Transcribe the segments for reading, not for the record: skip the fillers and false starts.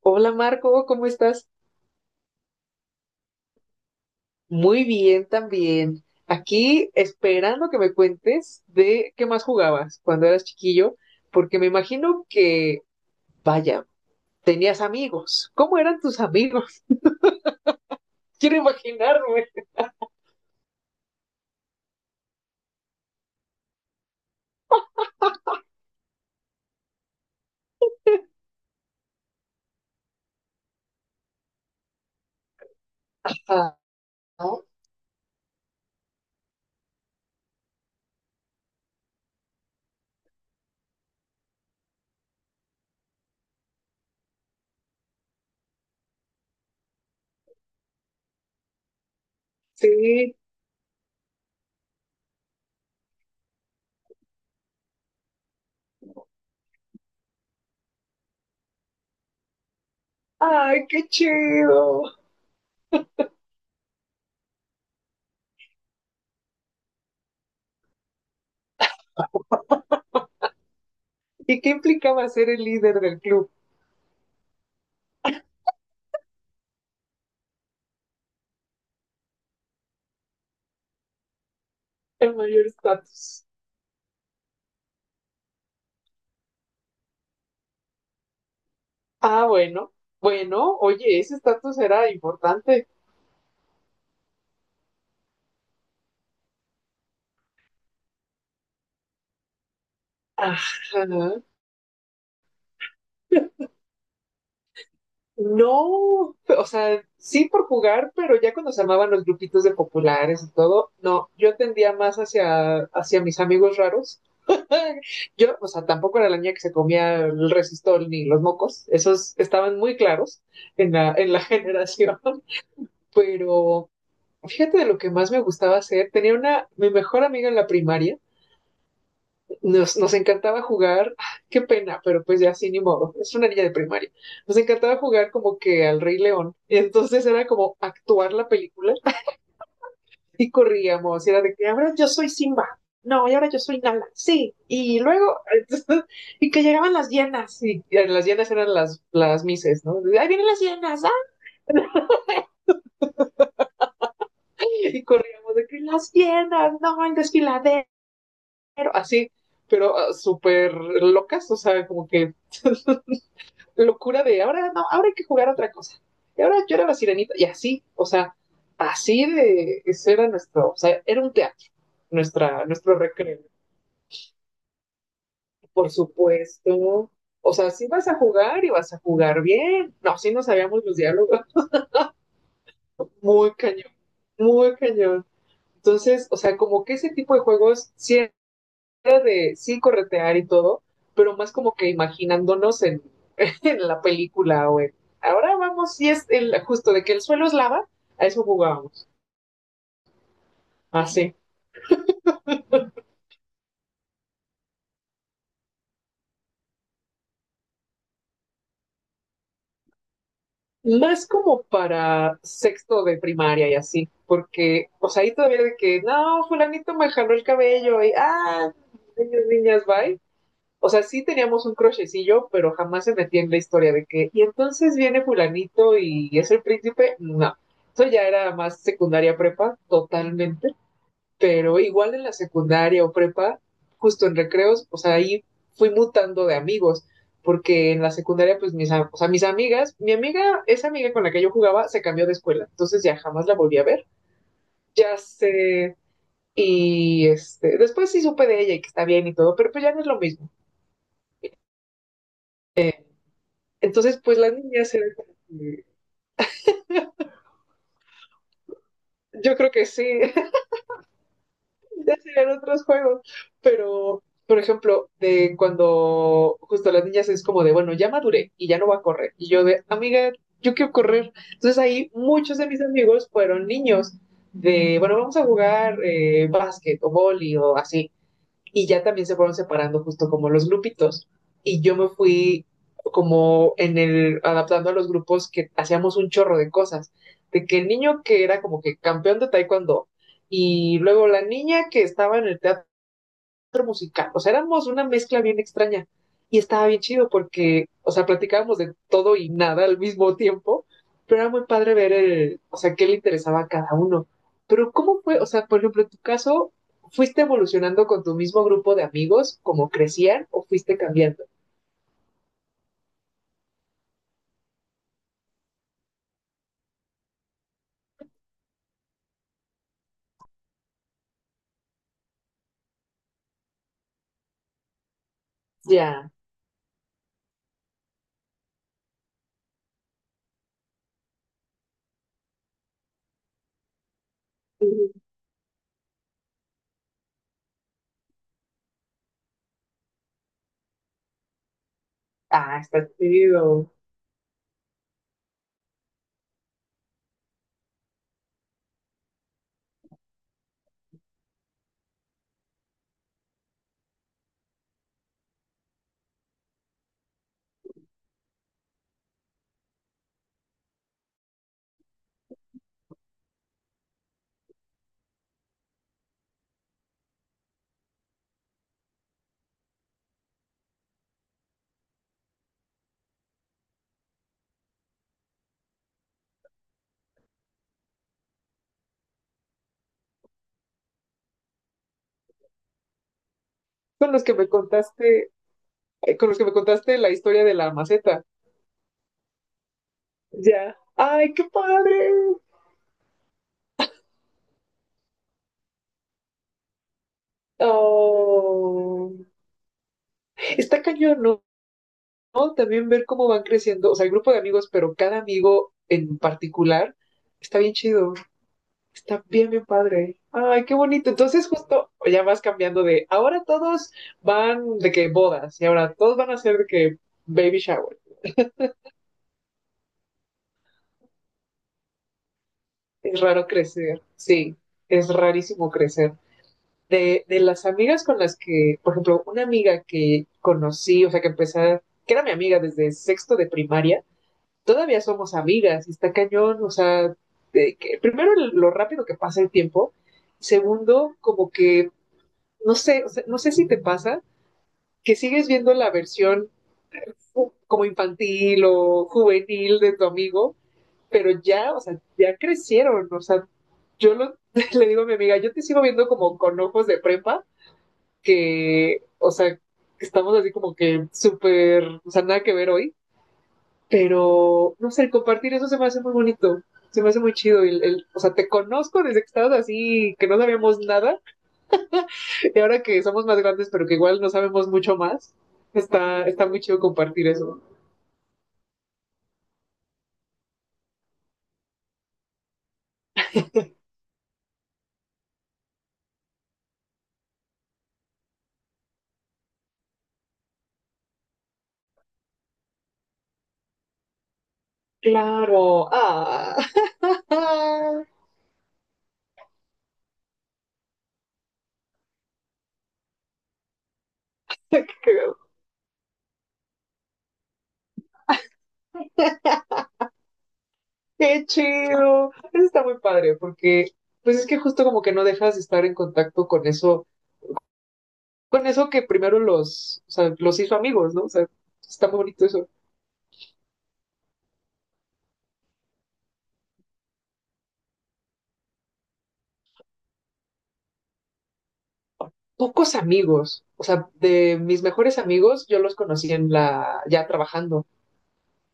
Hola Marco, ¿cómo estás? Muy bien también. Aquí esperando que me cuentes de qué más jugabas cuando eras chiquillo, porque me imagino que, vaya, tenías amigos. ¿Cómo eran tus amigos? Quiero imaginarme. Ah, sí. Ay, qué chido. ¿Y qué implicaba ser el líder del club? El mayor estatus. Ah, bueno. Bueno, oye, ese estatus era importante. Ajá. No, o sea, sí por jugar, pero ya cuando se armaban los grupitos de populares y todo, no, yo tendía más hacia mis amigos raros. Yo, o sea, tampoco era la niña que se comía el resistol ni los mocos, esos estaban muy claros en la, generación, pero fíjate de lo que más me gustaba hacer, tenía mi mejor amiga en la primaria, nos encantaba jugar, qué pena, pero pues ya sí, ni modo, es una niña de primaria. Nos encantaba jugar como que al Rey León, entonces era como actuar la película y corríamos, y era de que ahora yo soy Simba, no, y ahora yo soy Nala, sí, y luego, entonces, y que llegaban las hienas, y las hienas eran las mises, ¿no? Ahí vienen las hienas, ¡ay! Y corríamos de que las hienas, no, el desfiladero, así, pero súper locas, o sea, como que locura de ahora no, ahora hay que jugar otra cosa. Y ahora yo era la sirenita, y así, o sea, así de eso era nuestro, o sea, era un teatro, nuestro recreo, por supuesto. O sea, si vas a jugar y vas a jugar bien. No, sí no sabíamos los diálogos. Muy cañón, muy cañón. Entonces, o sea, como que ese tipo de juegos sí era de sí corretear y todo, pero más como que imaginándonos en, en la película, güey. Ahora vamos, y es justo de que el suelo es lava, a eso jugábamos, así. No es como para sexto de primaria y así, porque, o sea, ahí todavía de que, no, fulanito me jaló el cabello y, ah, niños, niñas, bye. O sea, sí teníamos un crochecillo, pero jamás se metía en la historia de que, y entonces viene fulanito y es el príncipe, no. Eso ya era más secundaria prepa, totalmente. Pero igual en la secundaria o prepa, justo en recreos, o sea, ahí fui mutando de amigos, porque en la secundaria, pues mis, o sea, mis amigas, mi amiga, esa amiga con la que yo jugaba, se cambió de escuela, entonces ya jamás la volví a ver, ya sé, y este, después sí supe de ella y que está bien y todo, pero pues ya no es lo mismo. Entonces, pues las niñas eran como que- yo creo que sí, ya serían otros juegos. Pero, por ejemplo, de cuando justo las niñas es como de, bueno, ya maduré y ya no va a correr. Y yo de, amiga, yo quiero correr. Entonces ahí muchos de mis amigos fueron niños de, bueno, vamos a jugar básquet o boli o así y ya también se fueron separando justo como los grupitos. Y yo me fui como en el adaptando a los grupos que hacíamos un chorro de cosas, de que el niño que era como que campeón de taekwondo y luego la niña que estaba en el teatro musical. O sea, éramos una mezcla bien extraña. Y estaba bien chido porque, o sea, platicábamos de todo y nada al mismo tiempo. Pero era muy padre ver, o sea, qué le interesaba a cada uno. Pero ¿cómo fue? O sea, por ejemplo, en tu caso, ¿fuiste evolucionando con tu mismo grupo de amigos como crecían o fuiste cambiando? Ya. Ujú. Ah, está chido. Con los que me contaste, con los que me contaste la historia de la maceta. Ya. ¡Ay, qué padre! Oh. Está cañón, ¿no? No, también ver cómo van creciendo, o sea, el grupo de amigos, pero cada amigo en particular está bien chido, está bien, bien padre. Ay, qué bonito. Entonces, justo ya vas cambiando de ahora todos van de que bodas y ahora todos van a ser de que baby shower. Es raro crecer, sí, es rarísimo crecer. De las amigas con las que, por ejemplo, una amiga que conocí, o sea, que empecé, que era mi amiga desde sexto de primaria todavía somos amigas y está cañón, o sea, de que, primero lo rápido que pasa el tiempo, segundo, como que, no sé, o sea, no sé si te pasa que sigues viendo la versión ju- como infantil o juvenil de tu amigo, pero ya, o sea, ya crecieron, o sea, yo lo, le digo a mi amiga, yo te sigo viendo como con ojos de prepa, que, o sea, que estamos así como que súper, o sea, nada que ver hoy. Pero, no sé, el compartir eso se me hace muy bonito. Se me hace muy chido. El, o sea, te conozco desde que estabas así, que no sabíamos nada. Y ahora que somos más grandes, pero que igual no sabemos mucho más. Está muy chido compartir eso. Claro. Ah. Qué Qué chido. Eso está muy padre, porque pues es que justo como que no dejas de estar en contacto con eso que primero los, o sea, los hizo amigos, ¿no? O sea, está muy bonito eso. Pocos amigos, o sea, de mis mejores amigos, yo los conocí en la, ya trabajando,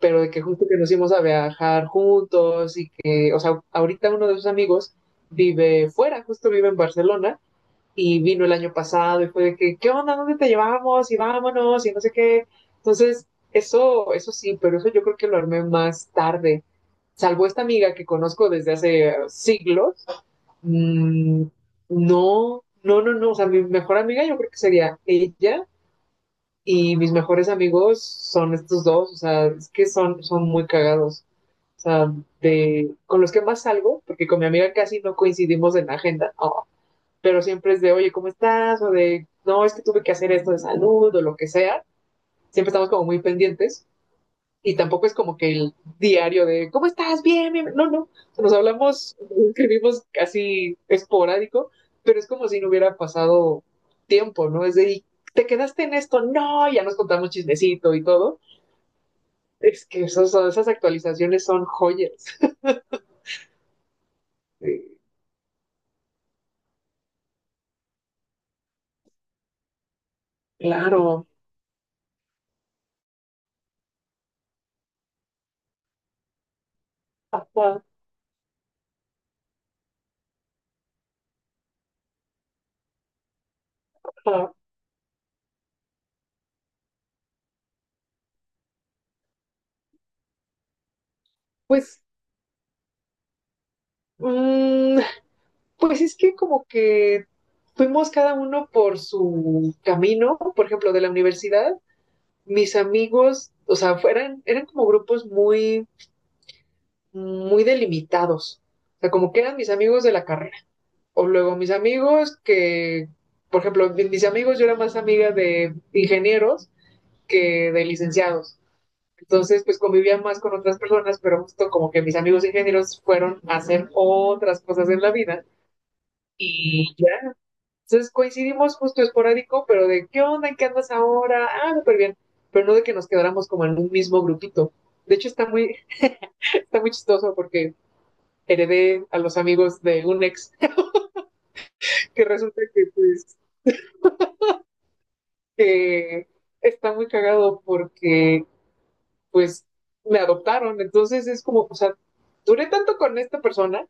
pero de que justo que nos íbamos a viajar juntos y que, o sea, ahorita uno de sus amigos vive fuera, justo vive en Barcelona y vino el año pasado y fue de que, ¿qué onda? ¿Dónde te llevamos? Y vámonos y no sé qué. Entonces, eso sí, pero eso yo creo que lo armé más tarde, salvo esta amiga que conozco desde hace siglos. Mm, no, no, no, no. O sea, mi mejor amiga yo creo que sería ella y mis mejores amigos son estos dos. O sea, es que son muy cagados. O sea, con los que más salgo, porque con mi amiga casi no coincidimos en la agenda, oh, pero siempre es de, oye, ¿cómo estás? O de, no, es que tuve que hacer esto de salud o lo que sea. Siempre estamos como muy pendientes y tampoco es como que el diario de ¿cómo estás? Bien, bien. No, no. Nos hablamos, escribimos casi esporádico, pero es como si no hubiera pasado tiempo, ¿no? Es de, ¿te quedaste en esto? No, ya nos contamos chismecito y todo. Es que esas actualizaciones son joyas. Sí, claro. Ajá, ajá. Pues, mmm, pues es que como que fuimos cada uno por su camino, por ejemplo, de la universidad, mis amigos, o sea, eran como grupos muy, muy delimitados. O sea, como que eran mis amigos de la carrera. O luego mis amigos que, por ejemplo, mis amigos, yo era más amiga de ingenieros que de licenciados. Entonces, pues convivía más con otras personas, pero justo como que mis amigos ingenieros fueron a hacer otras cosas en la vida y entonces coincidimos justo esporádico, pero de qué onda, en qué andas ahora, ah, súper bien, pero no de que nos quedáramos como en un mismo grupito. De hecho, está muy, está muy chistoso porque heredé a los amigos de un ex que resulta que pues eh, está muy cagado porque pues me adoptaron. Entonces es como, o sea, duré tanto con esta persona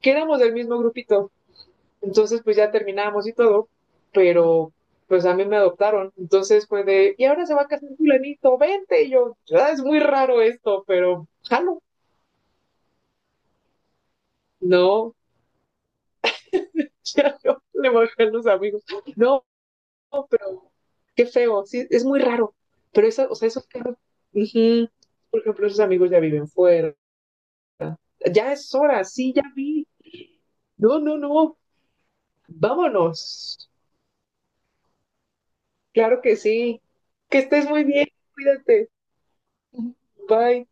que éramos del mismo grupito. Entonces, pues ya terminamos y todo, pero pues a mí me adoptaron. Entonces fue de, y ahora se va a casar fulanito, vente. Y yo, "Ah, es muy raro esto, pero jalo." No, ya no, le bajan los amigos. No, pero qué feo, sí, es muy raro. Pero eso, o sea, esos casos, ujú, por ejemplo, esos amigos ya viven fuera. Ya es hora, sí, ya vi. No, no, no, vámonos. Claro que sí. Que estés muy bien, cuídate. Bye.